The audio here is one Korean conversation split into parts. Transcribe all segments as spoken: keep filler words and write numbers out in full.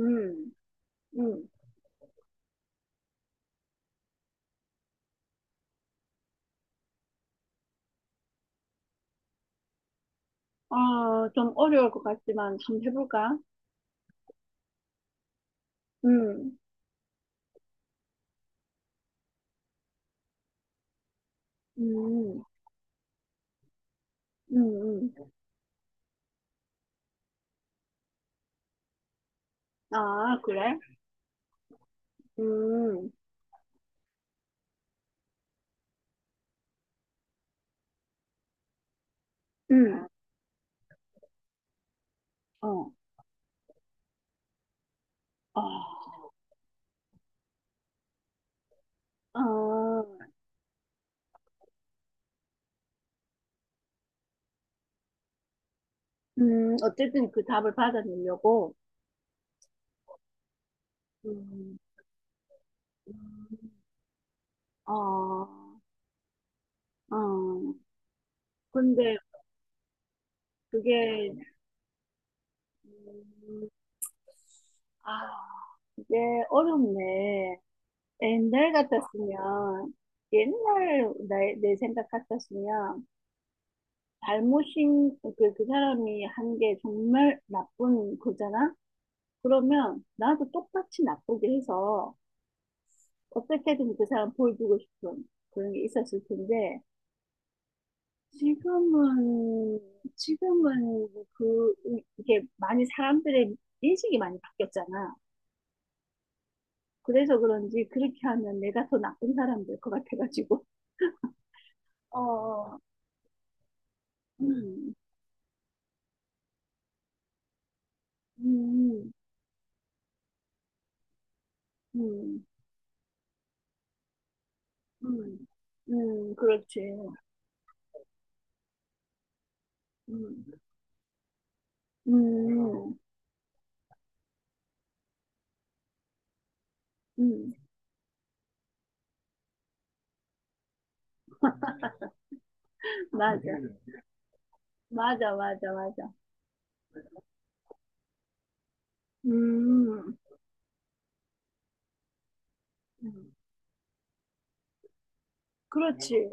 음, 음. 아, 좀 어려울 것 같지만 좀 해볼까? 음, 음, 음, 음. 아, 그래? 음, 음, 어, 아, 아, 음. 어쨌든 그 답을 받아내려고. 음, 음. 어, 어. 근데 그게, 음, 아, 이게 어렵네. 옛날 같았으면, 옛날 내, 내 생각 같았으면, 잘못인 그, 그 사람이 한 게 정말 나쁜 거잖아? 그러면 나도 똑같이 나쁘게 해서 어떻게든 그 사람 보여주고 싶은 그런 게 있었을 텐데 지금은 지금은 그 이게 많이 사람들의 인식이 많이 바뀌었잖아. 그래서 그런지 그렇게 하면 내가 더 나쁜 사람 될 것 같아가지고. 어, 어. 음, 음, 음, 음, 음, 그렇지. 음, 음. 음, 맞아. 맞아, 맞아, 맞아. 음, 음, 그렇지.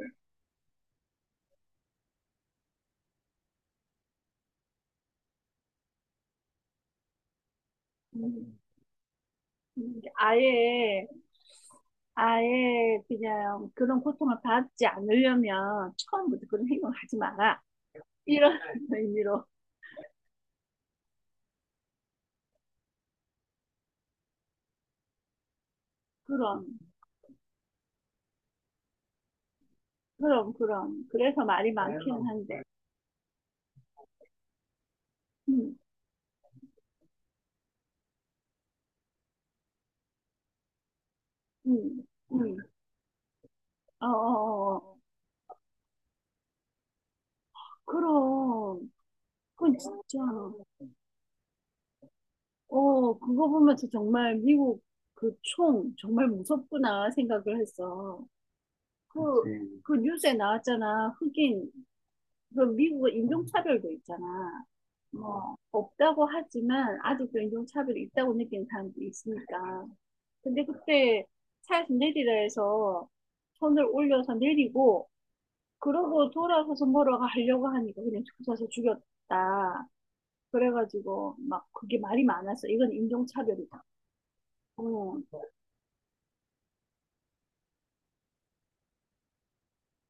음, 음, 아예, 아예 그냥 그런 고통을 받지 않으려면 처음부터 그런 행동을 하지 마라. 이런 의미로. 그럼, 그럼, 그럼. 그래서 말이 많기는 한데. 음, 음, 음. 어, 어, 어. 어. 그럼, 그건 진짜, 어, 그거 보면서 정말 미국 그 총 정말 무섭구나 생각을 했어. 그, 그 뉴스에 나왔잖아. 흑인, 그 미국은 인종차별도 있잖아. 뭐, 없다고 하지만 아직도 인종차별이 있다고 느끼는 사람들이 있으니까. 근데 그때 차에서 내리라 해서 손을 올려서 내리고, 그러고 돌아서서 뭐라고 하려고 하니까 그냥 조사서 죽였다. 그래가지고 막 그게 말이 많았어. 이건 인종차별이다. 어,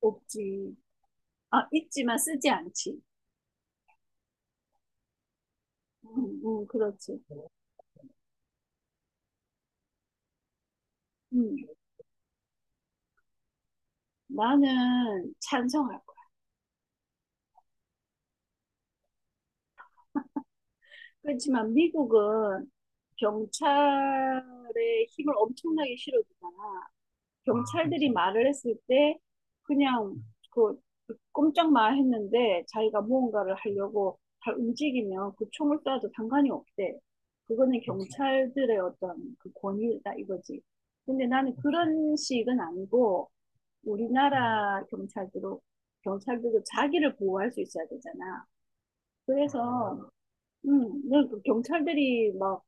없지. 아, 있지만 쓰지 않지. 응, 응, 그렇지. 응. 나는 찬성할 거야. 그렇지만 미국은 경찰의 힘을 엄청나게 실어주잖아. 아, 경찰들이 그렇죠. 말을 했을 때 그냥 그 꼼짝 마 했는데 자기가 무언가를 하려고 잘 움직이면 그 총을 쏴도 상관이 없대. 그거는 그렇죠. 경찰들의 어떤 그 권위다 이거지. 근데 나는 그런 식은 아니고 음, 우리나라 경찰들도 경찰들도 자기를 보호할 수 있어야 되잖아. 그래서 음, 그냥 그 경찰들이 막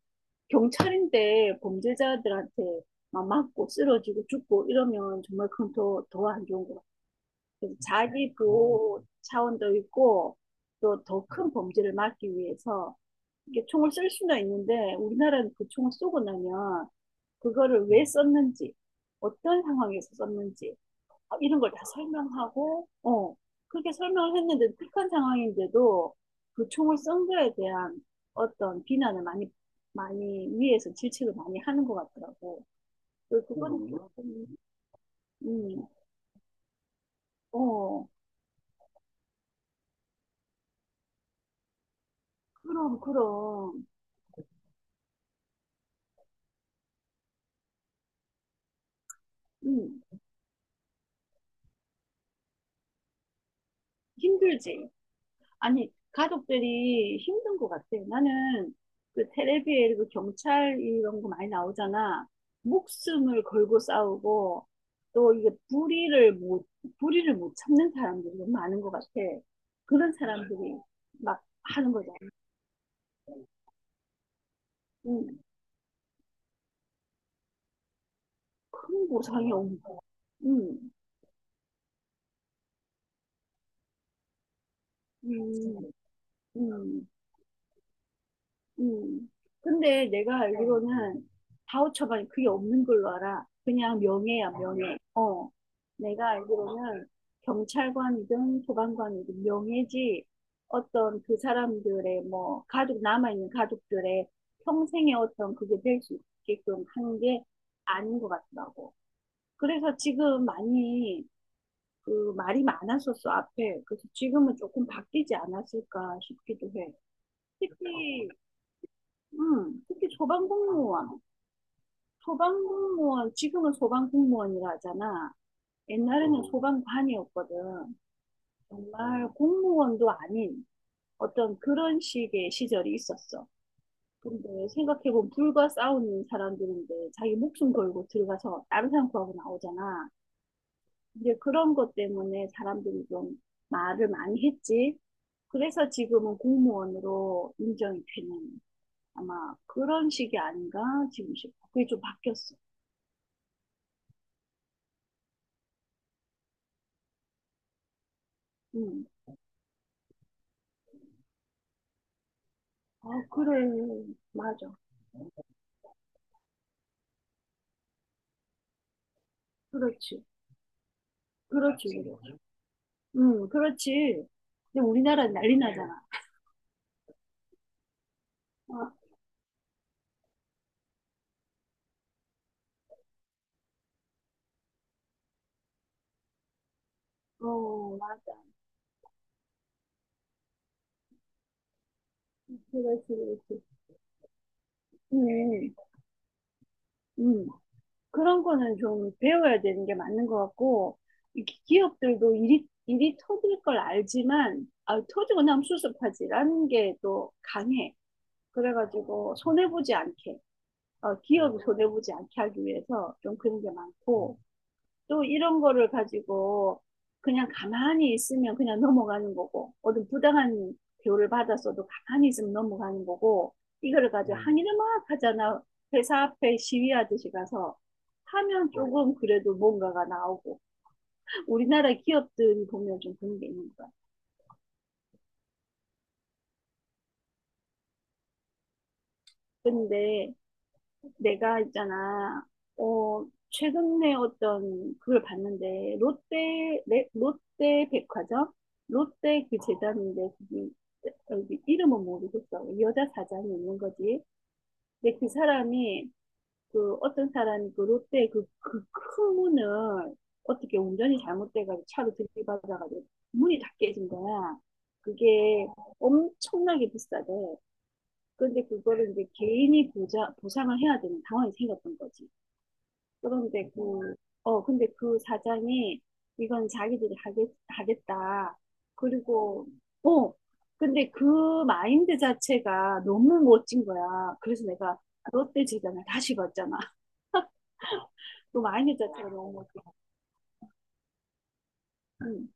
경찰인데 범죄자들한테 막 맞고 쓰러지고 죽고 이러면 정말 그건 더, 더 안 좋은 것 같아요. 그래서 자기 보호 차원도 있고 또 더 큰 범죄를 막기 위해서 이게 총을 쓸 수는 있는데 우리나라는 그 총을 쏘고 나면 그거를 왜 썼는지 어떤 상황에서 썼는지 아, 이런 걸 다 설명하고, 어, 그렇게 설명을 했는데 극한 상황인데도 그 총을 쏜 거에 대한 어떤 비난을 많이, 많이 위에서 질책을 많이 하는 것 같더라고. 그- 그거는 조금, 음, 어, 그럼, 그럼, 음, 힘들지. 아니, 가족들이 힘든 것 같아. 나는 그 텔레비에 그 경찰 이런 거 많이 나오잖아. 목숨을 걸고 싸우고 또 이게 불의를 못, 불의를 못 참는 사람들이 너무 많은 것 같아. 그런 사람들이 막 하는 거잖아. 음, 큰 보상이 없는 거야. 음, 음, 음. 음. 근데 내가 알기로는 바우처가 그게 없는 걸로 알아. 그냥 명예야, 명예. 어. 내가 알기로는 경찰관이든 소방관이든 명예지 어떤 그 사람들의 뭐 가족, 남아있는 가족들의 평생의 어떤 그게 될 수 있게끔 하는 게 아닌 것 같더라고. 그래서 지금 많이 그 말이 많았었어, 앞에. 그래서 지금은 조금 바뀌지 않았을까 싶기도 해. 특히 응, 특히 소방공무원. 소방공무원, 지금은 소방공무원이라 하잖아. 옛날에는 어, 소방관이었거든. 정말 어, 공무원도 아닌 어떤 그런 식의 시절이 있었어. 근데 생각해보면 불과 싸우는 사람들인데 자기 목숨 걸고 들어가서 다른 사람 구하고 나오잖아. 이데 그런 것 때문에 사람들이 좀 말을 많이 했지. 그래서 지금은 공무원으로 인정이 되는 아마 그런 식이 아닌가 지금 싶어. 그게 좀 바뀌었어. 음. 아, 그래. 맞아. 그렇지. 그렇지, 그렇지. 음, 그렇지. 근데 우리나라 는 난리 나잖아. 아, 어, 맞아. 그렇지, 그렇지. 음, 음. 그런 거는 좀 배워야 되는 게 맞는 것 같고, 이 기- 기업들도 일이, 일이 터질 걸 알지만, 아, 터지고 나면 수습하지라는 게 또 강해. 그래가지고, 손해보지 않게, 어, 기업이 손해보지 않게 하기 위해서 좀 그런 게 많고, 또 이런 거를 가지고 그냥 가만히 있으면 그냥 넘어가는 거고, 어떤 부당한 대우를 받았어도 가만히 있으면 넘어가는 거고, 이거를 가지고 음, 항의를 막 하잖아. 회사 앞에 시위하듯이 가서 하면 네. 조금 그래도 뭔가가 나오고, 우리나라 기업들이 보면 좀 그런 게 있는 거야. 근데 내가 있잖아, 어, 최근에 어떤 그걸 봤는데, 롯데, 레- 롯데 백화점? 롯데 그 재단인데, 그게, 여기 이름은 모르겠어. 여자 사장이 있는 거지. 근데 그 사람이, 그 어떤 사람이 그 롯데 그, 그큰 문을 어떻게 운전이 잘못돼가지고 차로 들이받아가지고 문이 다 깨진 거야. 그게 엄청나게 비싸대. 근데 그거를 이제 개인이 보자, 보상을 해야 되는 상황이 생겼던 거지. 그런데 그, 어, 근데 그 사장이 이건 자기들이 하겠, 하겠다. 그리고, 어, 근데 그 마인드 자체가 너무 멋진 거야. 그래서 내가 롯데 재단을 다시 봤잖아. 그 마인드 자체가 너무 멋진 거야. 응.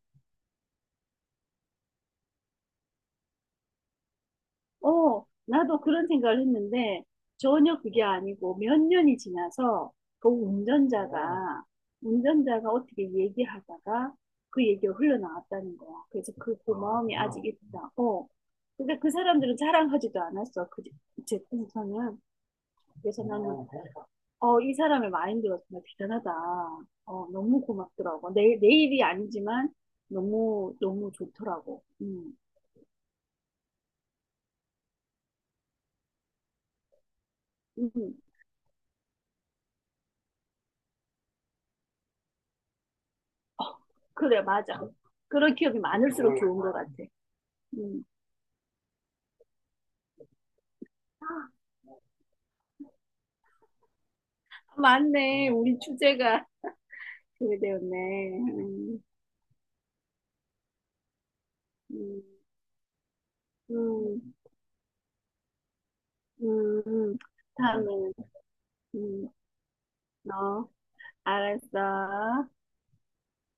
어, 나도 그런 생각을 했는데 전혀 그게 아니고 몇 년이 지나서 그 어, 운전자가 운전자가 어떻게 얘기하다가 그 얘기가 흘러나왔다는 거야. 그래서 그 고마움이 아직 아, 있다. 어. 근데 그 사람들은 자랑하지도 않았어. 그, 제 풍선은. 그래서 나는 어, 어, 이 사람의 마인드가 정말 대단하다. 어, 너무 고맙더라고. 내, 내 일이 아니지만 너무 너무 좋더라고. 음. 음. 그래, 맞아. 그런 기업이 많을수록 좋은 것 같아. 음. 아, 맞네. 우리 주제가 그게 되었네. 음, 음, 음, 음. 다음에는, 음, 어, 알았어.